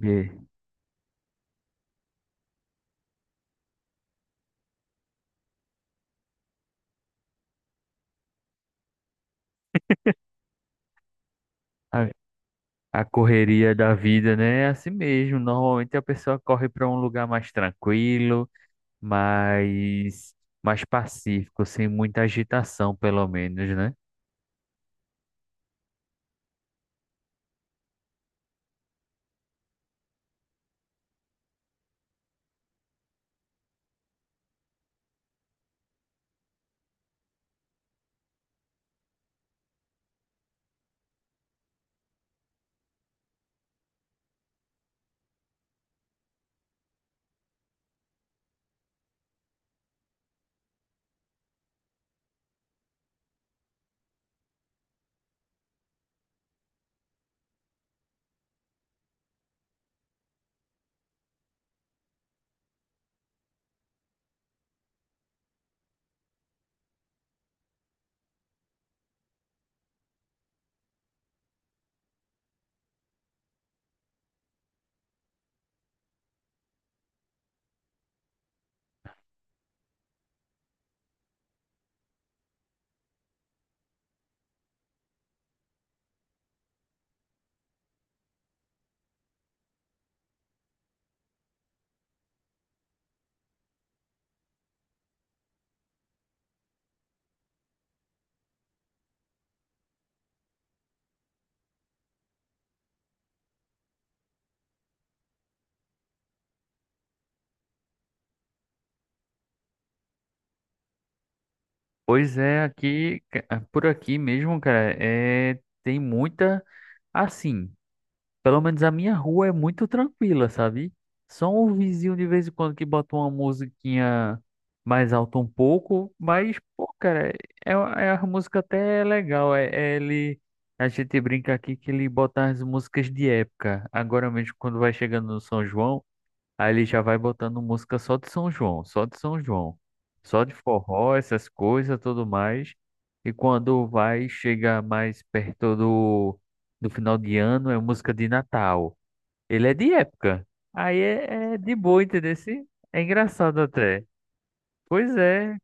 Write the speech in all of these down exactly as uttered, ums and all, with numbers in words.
E a, a correria da vida, né? É assim mesmo. Normalmente a pessoa corre para um lugar mais tranquilo, mais, mais pacífico, sem muita agitação, pelo menos, né? Pois é, aqui, ca- por aqui mesmo, cara, é, tem muita. Assim. Pelo menos a minha rua é muito tranquila, sabe? Só um vizinho de vez em quando que bota uma musiquinha mais alta um pouco, mas, pô, cara, é, é a música até é legal. É, é ele, a gente brinca aqui que ele bota as músicas de época. Agora mesmo, quando vai chegando no São João. Aí ele já vai botando música só de São João, só de São João, só de forró, essas coisas, tudo mais. E quando vai, chega mais perto do, do final de ano, é música de Natal. Ele é de época. Aí é, é de boa, entendeu? Se- É engraçado até. Pois é,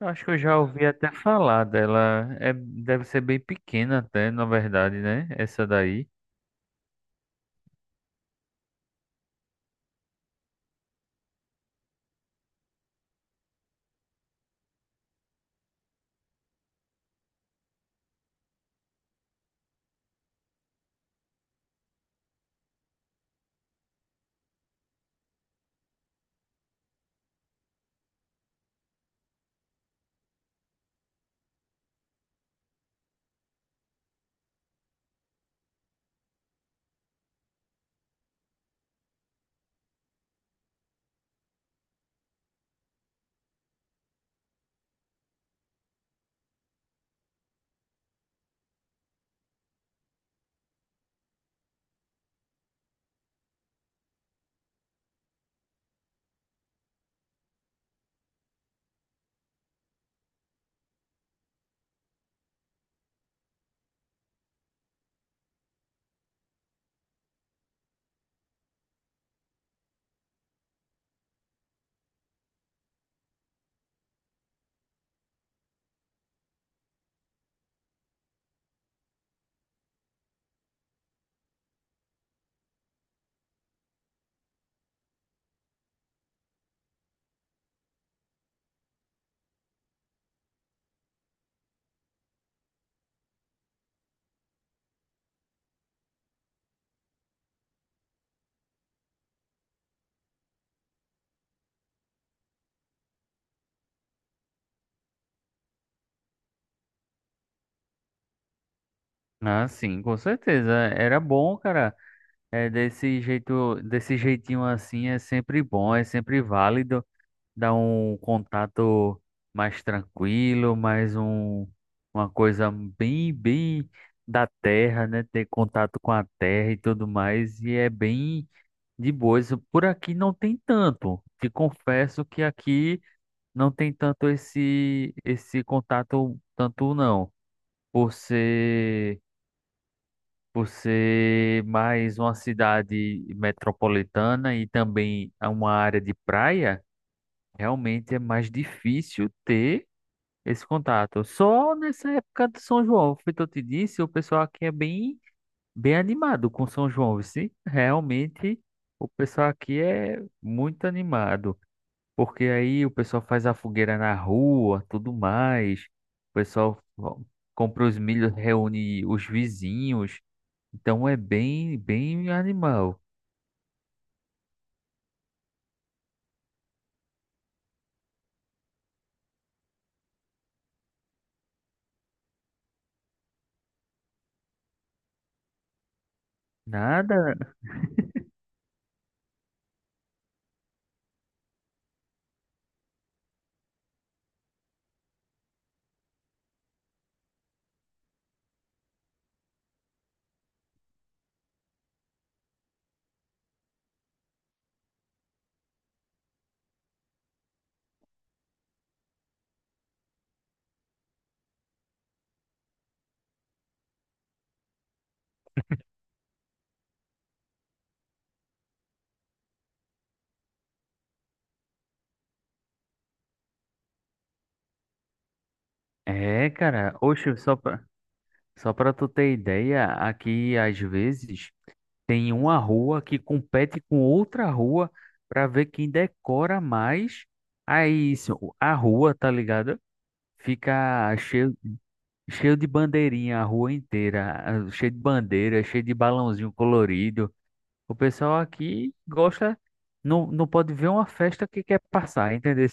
eu acho que eu já ouvi até falar dela. É, deve ser bem pequena até, na verdade, né? Essa daí. Ah, sim, com certeza. Era bom, cara. É desse jeito, desse jeitinho assim é sempre bom, é sempre válido, dá um contato mais tranquilo, mais um, uma coisa bem, bem da terra, né? Ter contato com a terra e tudo mais, e é bem de boa. Isso por aqui não tem tanto. Te confesso que aqui não tem tanto esse, esse contato, tanto não, por ser por ser mais uma cidade metropolitana e também é uma área de praia, realmente é mais difícil ter esse contato. Só nessa época de São João, foi o que eu te disse, o pessoal aqui é bem, bem animado com São João, sim. Realmente o pessoal aqui é muito animado, porque aí o pessoal faz a fogueira na rua, tudo mais. O pessoal ó, compra os milhos, reúne os vizinhos. Então é bem, bem animal. Nada. É, cara. Oxe, só pra, só pra tu ter ideia, aqui às vezes tem uma rua que compete com outra rua pra ver quem decora mais. Aí isso, a rua, tá ligado? Fica cheio, cheio de bandeirinha a rua inteira, ah, cheio de bandeira, cheio de balãozinho colorido. O pessoal aqui gosta, não, não pode ver uma festa que quer passar, entendeu?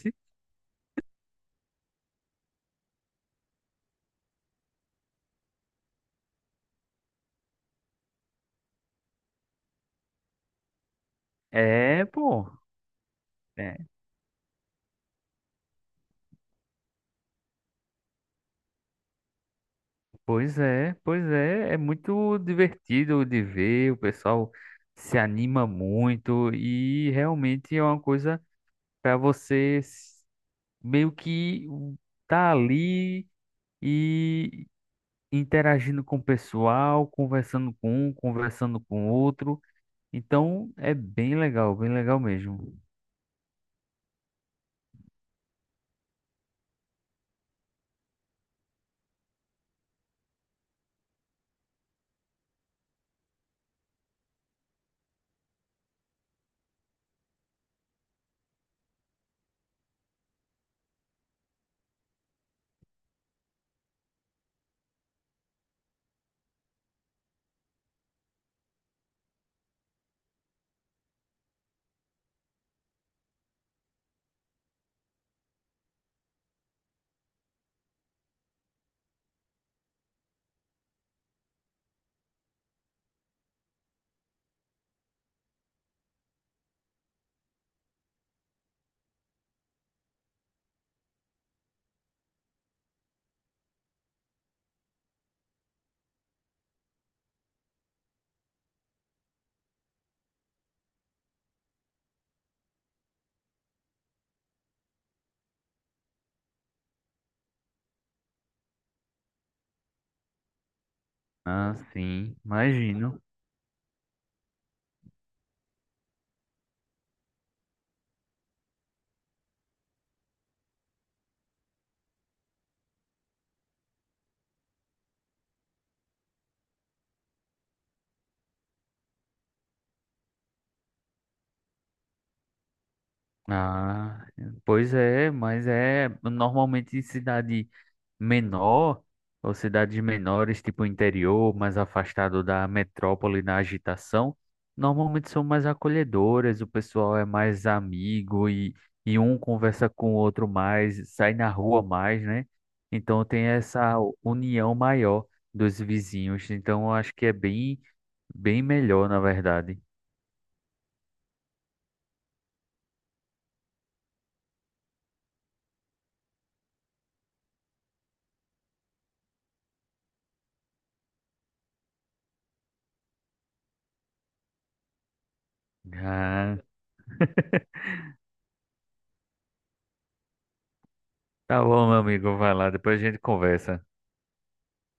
É, pô. É, pois é, pois é, é muito divertido de ver, o pessoal se anima muito e realmente é uma coisa para você s- meio que tá ali e interagindo com o pessoal, conversando com um, conversando com outro. Então é bem legal, bem legal mesmo. Ah, sim, imagino. Ah, pois é, mas é normalmente em cidade menor ou cidades menores, tipo interior, mais afastado da metrópole, da agitação, normalmente são mais acolhedoras, o pessoal é mais amigo e, e um conversa com o outro mais, sai na rua mais, né? Então tem essa união maior dos vizinhos, então eu acho que é bem, bem melhor, na verdade. Ah, tá bom, meu amigo, vai lá, depois a gente conversa.